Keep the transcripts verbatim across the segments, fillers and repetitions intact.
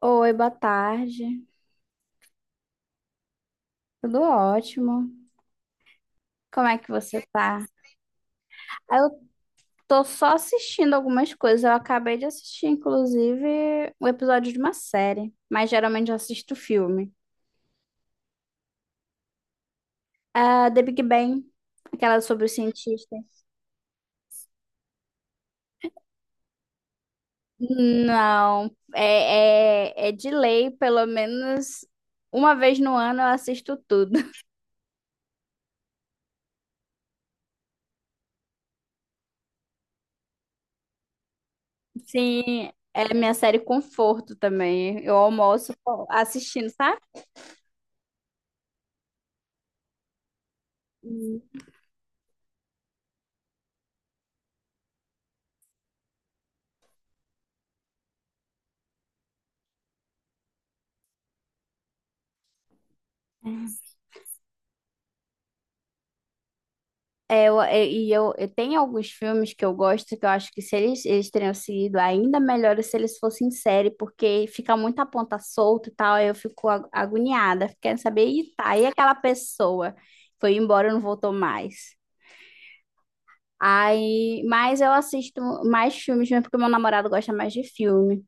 Oi, boa tarde. Tudo ótimo. Como é que você tá? Ah, eu tô só assistindo algumas coisas. Eu acabei de assistir, inclusive, um episódio de uma série, mas geralmente eu assisto filme. Ah, The Big Bang, aquela sobre os cientistas. Não, é, é, é de lei, pelo menos uma vez no ano eu assisto tudo. Sim, é minha série conforto também. Eu almoço assistindo, sabe? Hum. É, eu, é, e eu, eu tenho alguns filmes que eu gosto, que eu acho que se eles, eles teriam seguido ainda melhor se eles fossem em série, porque fica muita ponta solta e tal, aí eu fico a- agoniada, querendo saber, e tá, e aquela pessoa foi embora e não voltou mais. Aí, mas eu assisto mais filmes mesmo porque meu namorado gosta mais de filme.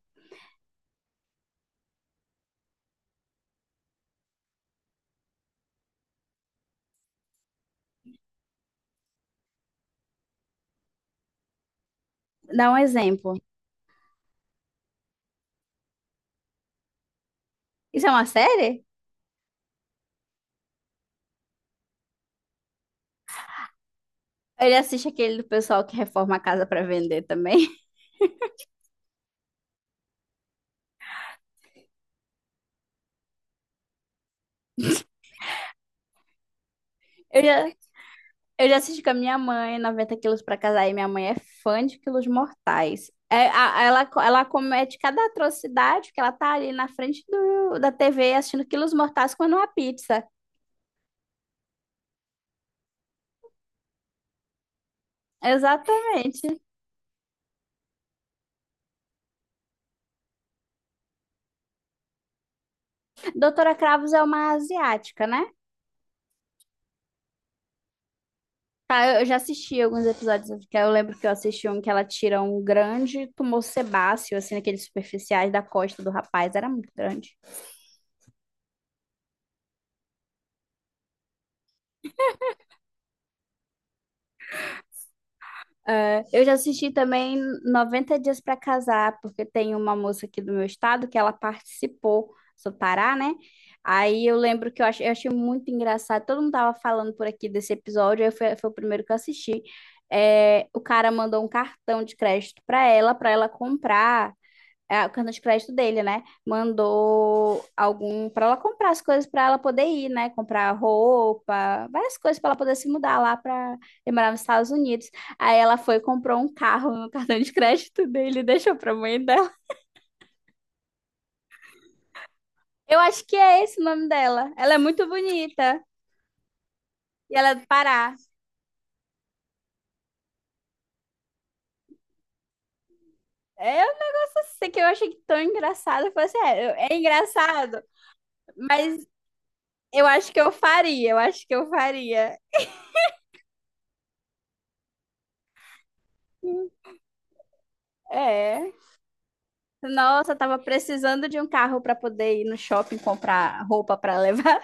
Dá um exemplo. Isso é uma série? Ele assiste aquele do pessoal que reforma a casa pra vender também. Eu já, Eu já assisti com a minha mãe, noventa quilos pra casar, e minha mãe é fã de quilos mortais. É, a- ela, co- ela comete cada atrocidade que ela tá ali na frente do, da T V assistindo quilos mortais comendo uma pizza. Exatamente. Doutora Cravos é uma asiática, né? Tá, eu eu já assisti alguns episódios, que eu lembro que eu assisti um que ela tira um grande tumor sebáceo, assim, naqueles superficiais da costa do rapaz, era muito grande. É, eu já assisti também noventa Dias para Casar, porque tem uma moça aqui do meu estado que ela participou, sou Pará, né? Aí eu lembro que eu achei, eu achei muito engraçado, todo mundo tava falando por aqui desse episódio, aí foi, foi o primeiro que eu assisti. É, o cara mandou um cartão de crédito para ela, para ela comprar, é, o cartão de crédito dele, né? Mandou algum para ela comprar as coisas para ela poder ir, né? Comprar roupa, várias coisas para ela poder se mudar lá para ele morar nos Estados Unidos. Aí ela foi e comprou um carro no cartão de crédito dele e deixou para mãe dela. Eu acho que é esse o nome dela. Ela é muito bonita e ela é do Pará. É um negócio assim que eu achei tão engraçado. Eu falei assim, é, eu- é engraçado, mas eu acho que eu faria, eu acho que eu faria. É. Nossa, tava precisando de um carro para poder ir no shopping comprar roupa para levar.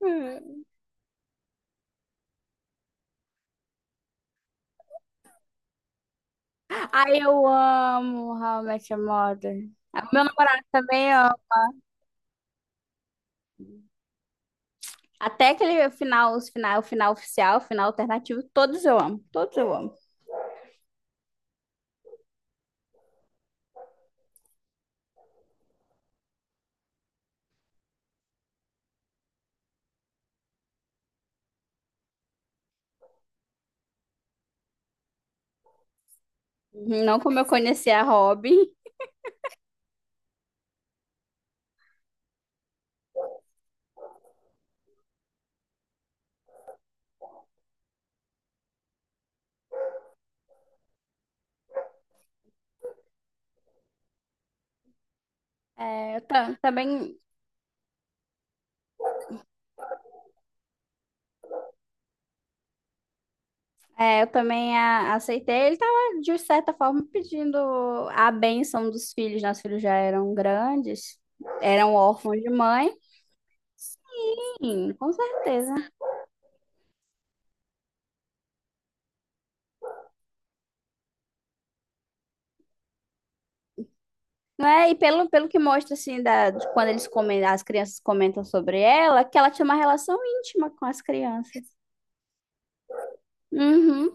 Ai, eu amo How I Met Your Mother. O meu namorado também, ó. Até aquele final, os final, o final oficial, o final alternativo, todos eu amo. Todos eu amo. Uhum, não como eu conheci a Robin. É, eu ta- também, é, eu também a- aceitei. Ele tava, de certa forma, pedindo a bênção dos filhos. Nossos filhos já eram grandes, eram órfãos de mãe. Sim, com certeza. Não é? E pelo, pelo que mostra, assim, da, de quando eles comem, as crianças comentam sobre ela, que ela tinha uma relação íntima com as crianças. Uhum,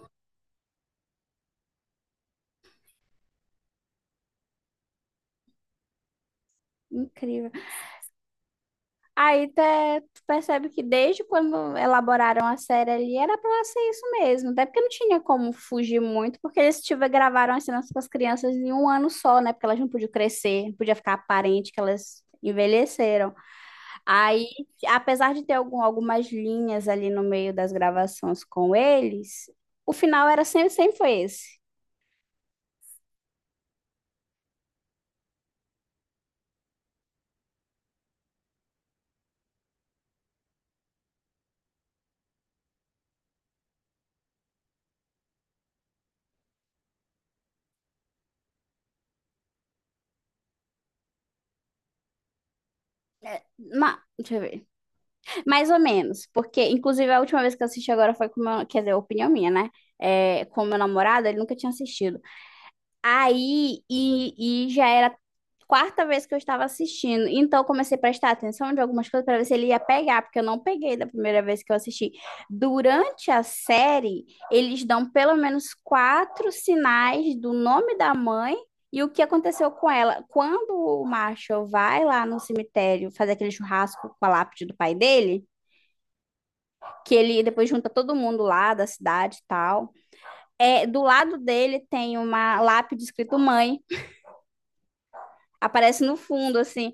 incrível. Aí até tu percebe que desde quando elaboraram a série ali, era pra ela ser isso mesmo. Até porque não tinha como fugir muito, porque eles tiveram, gravaram as cenas com as crianças em um ano só, né? Porque elas não podiam crescer, não podia ficar aparente que elas envelheceram. Aí, apesar de ter algum- algumas linhas ali no meio das gravações com eles, o final era sempre, sempre foi esse. É, ma- deixa eu ver. Mais ou menos, porque inclusive a última vez que eu assisti agora foi com o meu, quer dizer, opinião minha, né? É, com o meu namorado, ele nunca tinha assistido. Aí, e, e já era a quarta vez que eu estava assistindo. Então, eu comecei a prestar atenção de algumas coisas para ver se ele ia pegar, porque eu não peguei da primeira vez que eu assisti. Durante a série, eles dão pelo menos quatro sinais do nome da mãe e o que aconteceu com ela. Quando o Marshall vai lá no cemitério fazer aquele churrasco com a lápide do pai dele, que ele depois junta todo mundo lá da cidade e tal. É, do lado dele tem uma lápide escrito mãe. Aparece no fundo, assim.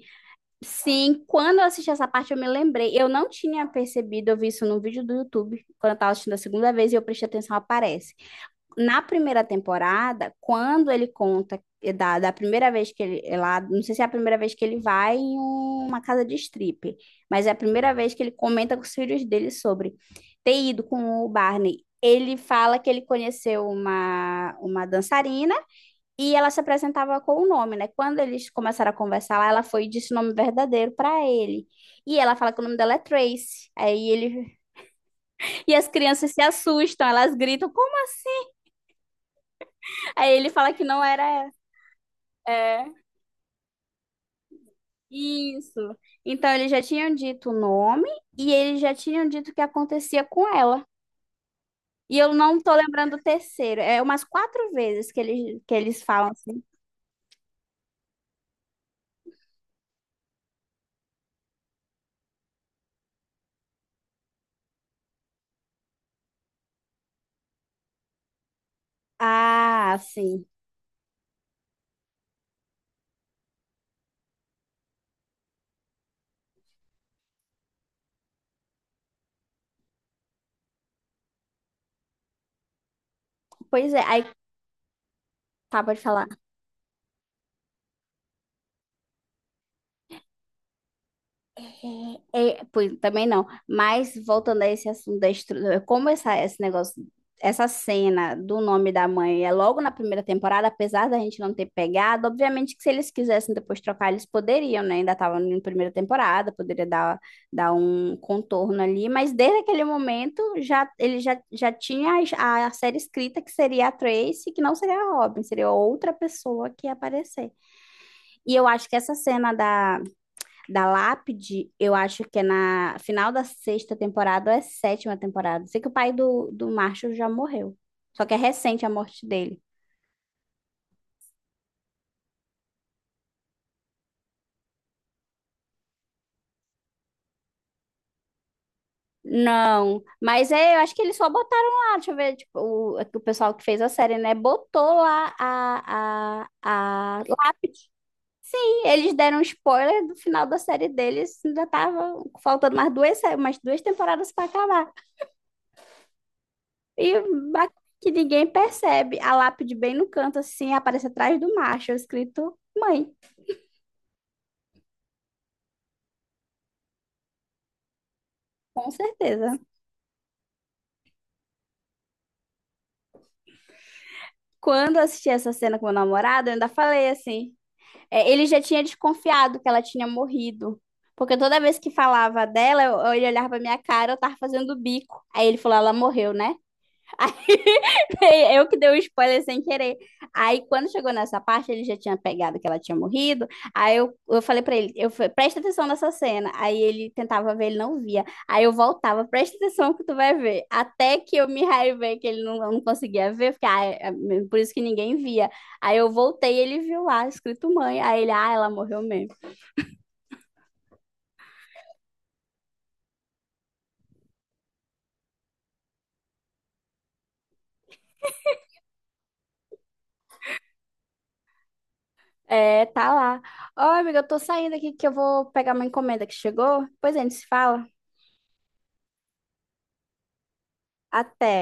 Sim, quando eu assisti essa parte, eu me lembrei. Eu não tinha percebido, eu vi isso num vídeo do YouTube, quando eu tava assistindo a segunda vez, e eu prestei atenção, aparece. Na primeira temporada, quando ele conta, eh, da, da primeira vez que ele é lá, não sei se é a primeira vez que ele vai em um- uma casa de strip, mas é a primeira vez que ele comenta com os filhos dele sobre ter ido com o Barney. Ele fala que ele conheceu uma, uma dançarina e ela se apresentava com o nome, né? Quando eles começaram a conversar lá, ela foi e disse o nome verdadeiro para ele. E ela fala que o nome dela é Tracy. Aí ele. E as crianças se assustam, elas gritam, como? Aí ele fala que não era ela. É, isso. Então eles já tinham dito o nome e eles já tinham dito o que acontecia com ela. E eu não tô lembrando o terceiro. É umas quatro vezes que eles, que eles falam assim. Ah, sim. Pois é. Aí, tá, pode falar. É, é, pois, também não. Mas voltando a esse assunto da estrutura, como essa, esse negócio, essa cena do nome da mãe é logo na primeira temporada, apesar da gente não ter pegado. Obviamente que se eles quisessem depois trocar, eles poderiam, né? Ainda estavam na primeira temporada, poderia dar, dar um contorno ali, mas desde aquele momento já ele já, já tinha a, a série escrita que seria a Tracy, que não seria a Robin, seria outra pessoa que ia aparecer. E eu acho que essa cena da da lápide, eu acho que é na final da sexta temporada ou é sétima temporada. Sei que o pai do, do Marshall já morreu. Só que é recente a morte dele. Não, mas é, eu acho que eles só botaram lá, deixa eu ver, tipo, o, o pessoal que fez a série, né? Botou lá a, a, a lápide. Sim, eles deram um spoiler do final da série deles, ainda tava faltando mais duas, sé- umas duas temporadas para acabar. E ba- que ninguém percebe. A lápide bem no canto, assim, aparece atrás do macho, escrito mãe, com certeza. Quando eu assisti essa cena com meu namorado, eu ainda falei assim. É, ele já tinha desconfiado que ela tinha morrido. Porque toda vez que falava dela, eu, eu- ele olhava pra minha cara, eu tava fazendo bico. Aí ele falou, ela morreu, né? Eu que dei o spoiler sem querer. Aí, quando chegou nessa parte, ele já tinha pegado que ela tinha morrido. Aí eu, eu falei pra ele, eu falei, presta atenção nessa cena. Aí ele tentava ver, ele não via. Aí eu voltava, presta atenção que tu vai ver. Até que eu me raivei que ele não, não conseguia ver, porque ah, é- é por isso que ninguém via. Aí eu voltei e ele viu lá, escrito mãe. Aí ele, ah, ela morreu mesmo. É, tá lá. Ó, amiga, eu tô saindo aqui que eu vou pegar uma encomenda que chegou. Depois a gente se fala. Até.